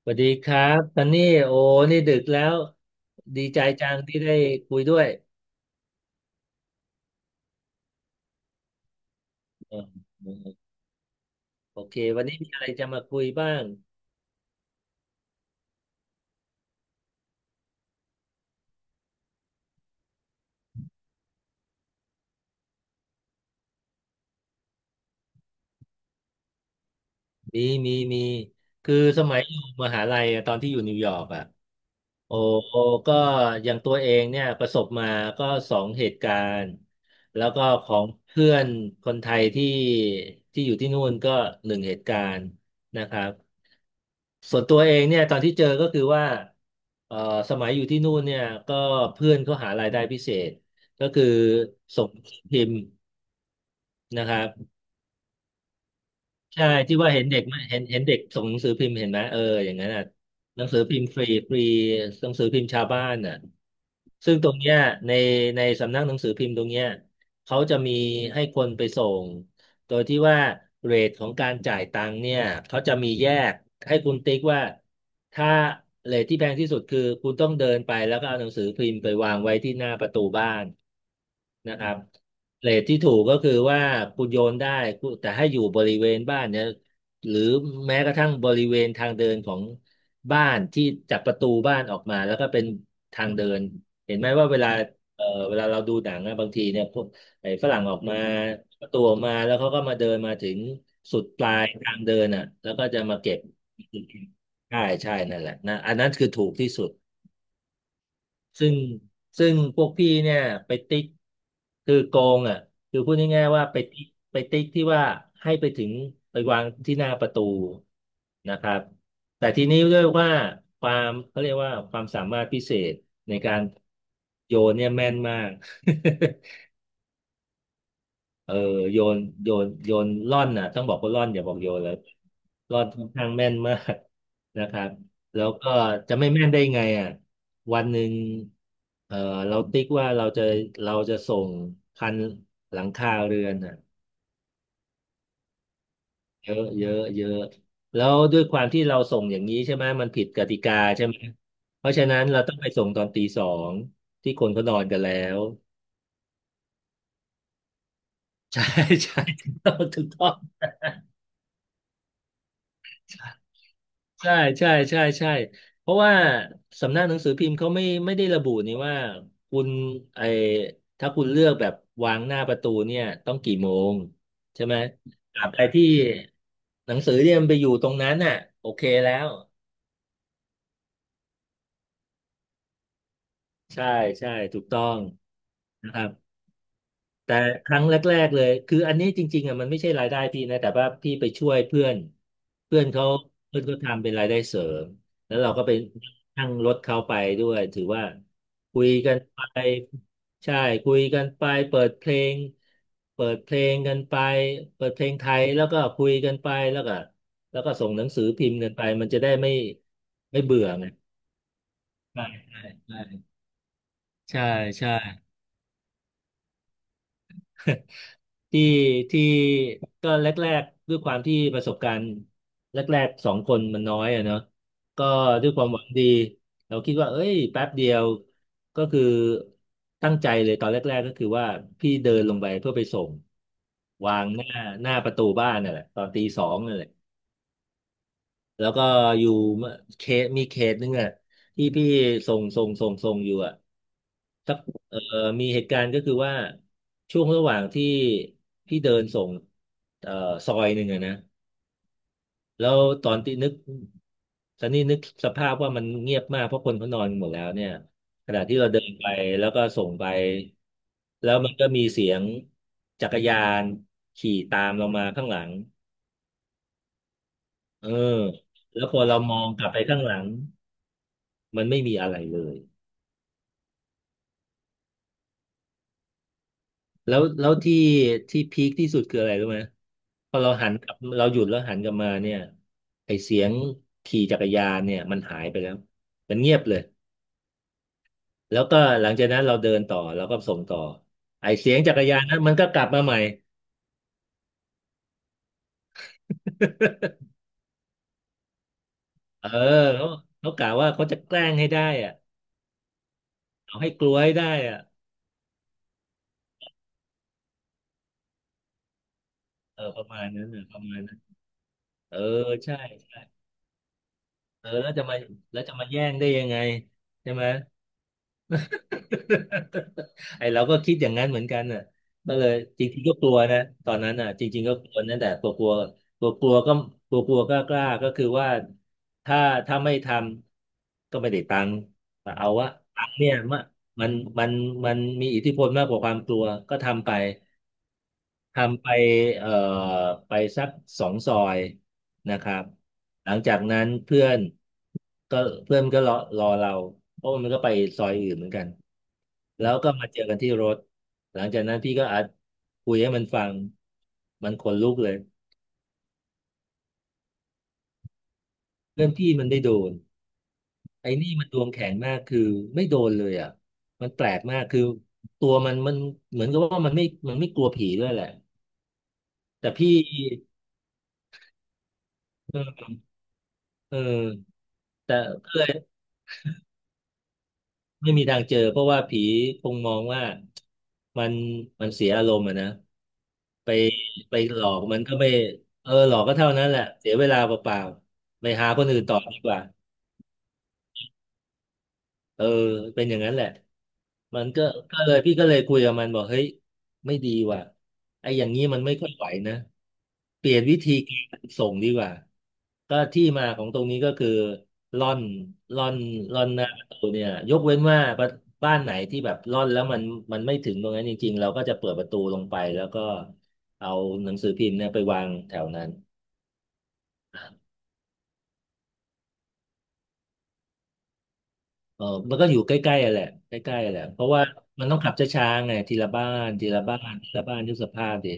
สวัสดีครับตอนนี้โอ้นี่ดึกแล้วดีใจจังที่ได้คุยด้วยเออโอเควันนี้มีอะไรจะมาคุยบ้างมีมีมีคือสมัยอยู่มหาลัยอะตอนที่อยู่นิวยอร์กอ่ะโอ้โอ้ก็อย่างตัวเองเนี่ยประสบมาก็สองเหตุการณ์แล้วก็ของเพื่อนคนไทยที่อยู่ที่นู่นก็หนึ่งเหตุการณ์นะครับ ส่วนตัวเองเนี่ยตอนที่เจอก็คือว่าเอ่อสมัยอยู่ที่นู่นเนี่ยก็เพื่อนเขาหารายได้พิเศษก็คือส่งหนังสือพิมพ์นะครับใช่ที่ว่าเห็นเด็กไหมเห็นเด็กส่งหนังสือพิมพ์เห็นไหมเอออย่างนั้นน่ะหนังสือพิมพ์ฟรีฟรีหนังสือพิมพ์ชาวบ้านน่ะซึ่งตรงเนี้ยในในสำนักหนังสือพิมพ์ตรงเนี้ยเขาจะมีให้คนไปส่งโดยที่ว่าเรทของการจ่ายตังค์เนี่ยเขาจะมีแยกให้คุณติ๊กว่า ถ้าเลทที่แพงที่สุดคือคุณต้องเดินไปแล้วก็เอาหนังสือพิมพ์ไปวางไว้ที่หน้าประตูบ้านนะครับเรทที่ถูกก็คือว่าคุณโยนได้คุณแต่ให้อยู่บริเวณบ้านเนี่ยหรือแม้กระทั่งบริเวณทางเดินของบ้านที่จากประตูบ้านออกมาแล้วก็เป็นทางเดินเห็นไหมว่าเวลาเวลาเราดูหนังอะบางทีเนี่ยพวกไอ้ฝรั่งออกมาประตูออกมาแล้วเขาก็มาเดินมาถึงสุดปลายทางเดินอ่ะแล้วก็จะมาเก็บ ใช่ใช่นั่นแหละนะอันนั้นคือถูกที่สุดซึ่งซึ่งพวกพี่เนี่ยไปติ๊กคือโกงอ่ะคือพูดง่ายๆว่าไปติ๊กที่ว่าให้ไปถึงไปวางที่หน้าประตูนะครับแต่ทีนี้ด้วยว่าความเขาเรียกว่าความสามารถพิเศษในการโยนเนี่ยแม่นมาก เออโยนโยนโยนล่อนน่ะต้องบอกว่าล่อนอย่าบอกโยนเลยล่อนค่อนข้างแม่นมากนะครับแล้วก็จะไม่แม่นได้ไงอ่ะวันหนึ่งเออเราติ๊กว่าเราจะส่งพันหลังคาเรือนอ่ะเยอะเยอะเยอะแล้วด้วยความที่เราส่งอย่างนี้ใช่ไหมมันผิดกติกาใช่ไหมเพราะฉะนั้นเราต้องไปส่งตอนตีสองที่คนเขานอนกันแล้ว ใช่ใช่ถูกต้องถูกต้อง ใช่ใช่ใช่ใช่เพราะว่าสำนักหนังสือพิมพ์เขาไม่ไม่ได้ระบุนี่ว่าคุณไอถ้าคุณเลือกแบบวางหน้าประตูเนี่ยต้องกี่โมงใช่ไหมตราบใดที่หนังสือเนี่ยมันไปอยู่ตรงนั้นน่ะโอเคแล้วใช่ใช่ถูกต้องนะครับ แต่ครั้งแรกๆเลยคืออันนี้จริงๆอ่ะมันไม่ใช่รายได้พี่นะแต่ว่าพี่ไปช่วยเพื่อนเพื่อนเขาเพื่อนเขาทำเป็นรายได้เสริมแล้วเราก็ไปนั่งรถเขาไปด้วยถือว่าคุยกันไปใช่คุยกันไปเปิดเพลงเปิดเพลงกันไปเปิดเพลงไทยแล้วก็คุยกันไปแล้วก็ส่งหนังสือพิมพ์กันไปมันจะได้ไม่ไม่เบื่อไงใช่ใช่ใช่ใช่ ที่ที่ก็แรกๆด้วยความที่ประสบการณ์แรกๆสองคนมันน้อยอะเนาะก็ด้วยความหวังดีเราคิดว่าเอ้ยแป๊บเดียวก็คือตั้งใจเลยตอนแรกๆก็คือว่าพี่เดินลงไปเพื่อไปส่งวางหน้าประตูบ้านนั่นแหละตอนตีสองนั่นแหละแล้วก็อยู่เขตมีเขตนึงอ่ะที่พี่ส่งอยู่อ่ะ สักเอ่อมีเหตุการณ์ก็คือว่าช่วงระหว่างที่พี่เดินส่งเอ่อซอยหนึ่งอะนะแล้วตอนที่นึกซันนี่นึกสภาพว่ามันเงียบมากเพราะคนเขานอนหมดแล้วเนี่ยขณะที่เราเดินไปแล้วก็ส่งไปแล้วมันก็มีเสียงจักรยานขี่ตามเรามาข้างหลังเออแล้วพอเรามองกลับไปข้างหลังมันไม่มีอะไรเลย แล้วที่พีคที่สุดคืออะไรรู้ไหมพอเราหันกลับเราหยุดแล้วหันกลับมาเนี่ยไอเสียงขี่จักรยานเนี่ยมันหายไปแล้วมันเงียบเลยแล้วก็หลังจากนั้นเราเดินต่อเราก็ส่งต่อไอเสียงจักรยานนั้นมันก็กลับมาใหม่เออเขาเขากะว่าเขาจะแกล้งให้ได้อ่ะเอาให้กลัวให้ได้อ่ะเออประมาณนั้นน่ะประมาณนั้นเออใช่เออแล้วจะมาแย่งได้ยังไงใช่ไหม ไอ้เราก็คิดอย่างนั้นเหมือนกันน่ะก็เลยจริงๆก็กลัวนะตอนนั้นน่ะจริงๆก็กลัวนั่นแต่กลัวกลัวกลัวกลัวก็กลัวกลัวก็กล้าก็คือว่าถ้าถ้าไม่ทำก็ไม่ได้ตังค์แต่เอาว่าตังค์เนี่ยมันมันมันมันมีอิทธิพลมากกว่าความกลัวก็ทำไป ทำไปเอ่อไปสักสองซอยนะครับหลังจากนั้นเพื่อนก็เพื่อนก็รอรอเราเพราะมันก็ไปซอยอื่นเหมือนกันแล้วก็มาเจอกันที่รถหลังจากนั้นพี่ก็อัดคุยให้มันฟังมันขนลุกเลยเพื่อนพี่มันได้โดนไอ้นี่มันดวงแข็งมากคือไม่โดนเลยอ่ะมันแปลกมากคือตัวมันมันเหมือนกับว่ามันไม่มันไม่กลัวผีด้วยแหละแต่พี่เออเออแต่ ไม่มีทางเจอเพราะว่าผีคงมองว่ามันมันเสียอารมณ์อะนะไปไปหลอกมันก็ไม่เออหลอกก็เท่านั้นแหละเสียเวลาเปล่าๆไปหาคนอื่นต่อดีกว่า เออเป็นอย่างนั้นแหละมันก็ก็เลยพี่ก็เลยคุยกับมันบอกเฮ้ยไม่ดีว่ะไอ้อย่างนี้มันไม่ค่อยไหวนะเปลี่ยนวิธีการส่งดีกว่าก็ที่มาของตรงนี้ก็คือร่อนร่อนร่อนหน้าประตูเนี่ยยกเว้นว่าบ้านบ้านไหนที่แบบร่อนแล้วมันมันไม่ถึงตรงนั้นจริงๆเราก็จะเปิดประตูลงไปแล้วก็เอาหนังสือพิมพ์เนี่ยไปวางแถวนั้น เออมันก็อยู่ใกล้ๆอะแหละใกล้ๆอะแหละเพราะว่ามันต้องขับช้าๆไงทีละบ้านทีละบ้านทีละบ้านทุกสภาพดิ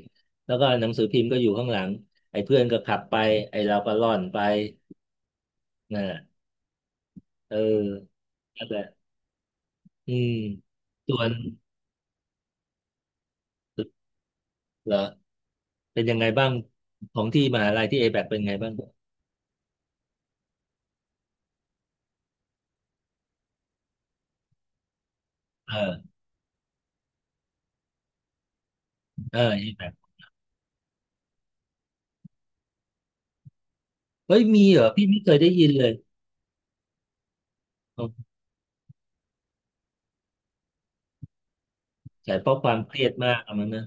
แล้วก็หนังสือพิมพ์ก็อยู่ข้างหลังไอ้เพื่อนก็ขับไปไอ้เราก็ล่อนไปน่ะเออนั่นแหละอืมส่วนเหรอเป็นยังไงบ้างของที่มหาลัยที่เอแบเป็นไงบ้างเออเออเอแบเฮ้ยมีเหรอพี่ไม่เคยได้ยินเลยอ๋อใช่เพราะความเครียดมากอะมันนะ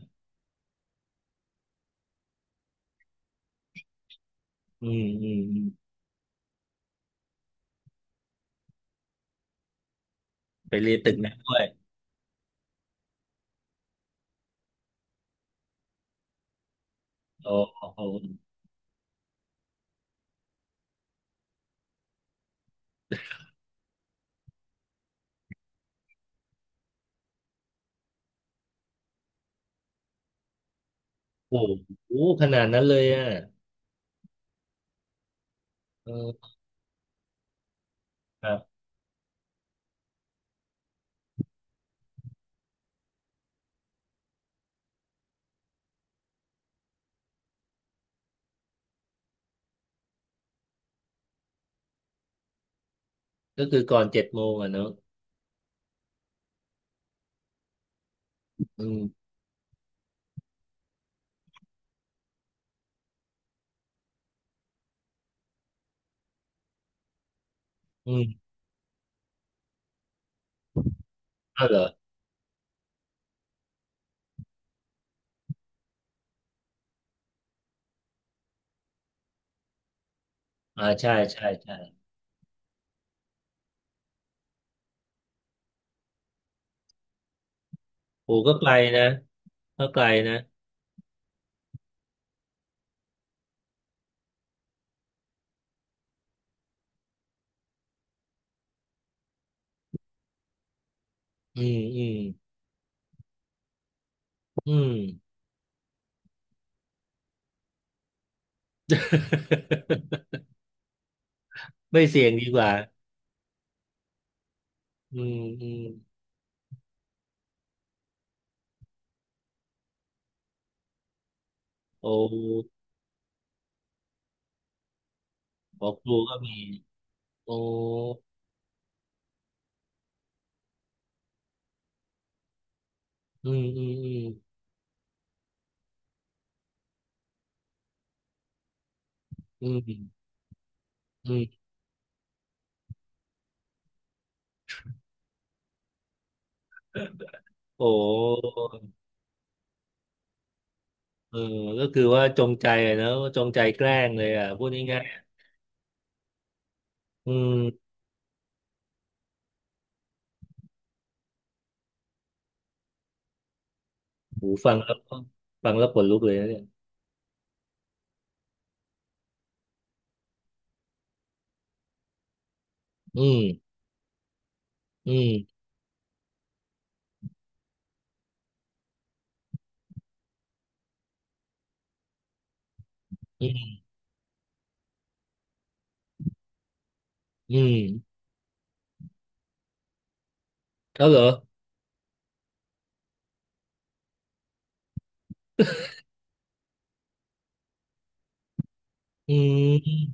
อืมอืมอืมไปเรียนตึกนั้นด้วยโอ้โห โอ้โหขนาดนั้นเลยอ่ะเออครับก็คือก่อนเจ็ดโมงอ่ะเนอะอืมอืมอ้าวเหรออ่าใช่ใช่ใช่โอ้ก็ไกลนะก็ไกลนะอืมอืมอืม ไม่เสี่ยงดีกว่าอืมอืมโอ้หมอครูก็มีโอ้อืมอืมอืมอืมอืมโอ้เออก็คือว่าจงใจอะเนอะจงใจแกล้งเลยอ่ะพูดง่ายๆอืมหูฟังแล้วก็ฟังแล้วขนลุกเลยนะเนี่ย อืมอืมอืมอืมเขาเหรออืม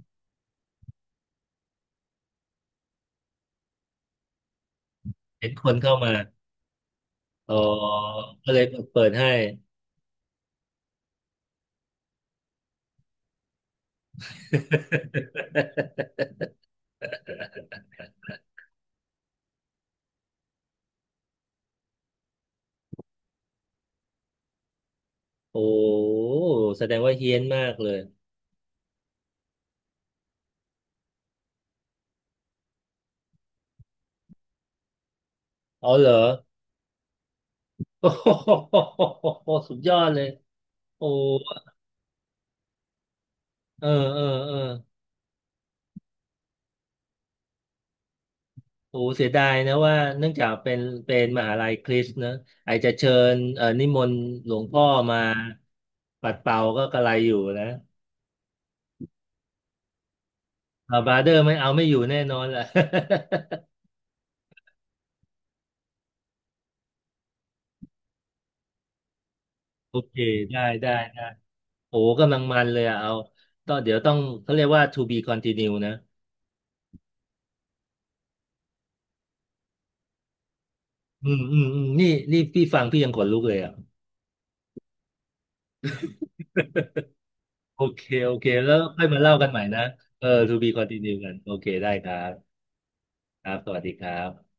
เห็นคนเข้ามาอ๋อก็เลยเปิดให้ โอ้แสดงว่าเฮี้ยนมากเลยอ๋อเหรอโอ้โห สุดยอดเลยโอ้เออเออเออโอ้เสียดายนะว่าเนื่องจากเป็นเป็นมหาลัยคริสต์นะไอจะเชิญนิมนต์หลวงพ่อมาปัดเป่าก็กระไรอยู่นะบราเดอร์ไม่เอาไม่อยู่แน่นอนแหละ โอเคได้ได้ โอ้กำลังมันเลยอะเอาต้องเดี๋ยวต้องเขาเรียกว่า to be continue นะอืมอืมอืมนี่นี่พี่ฟังพี่ยังขนลุกเลยอ่ะโอเคโอเคแล้วค่อยมาเล่ากันใหม่นะเออ to be continue กันโอเคได้ครับครับสวัสดีครับ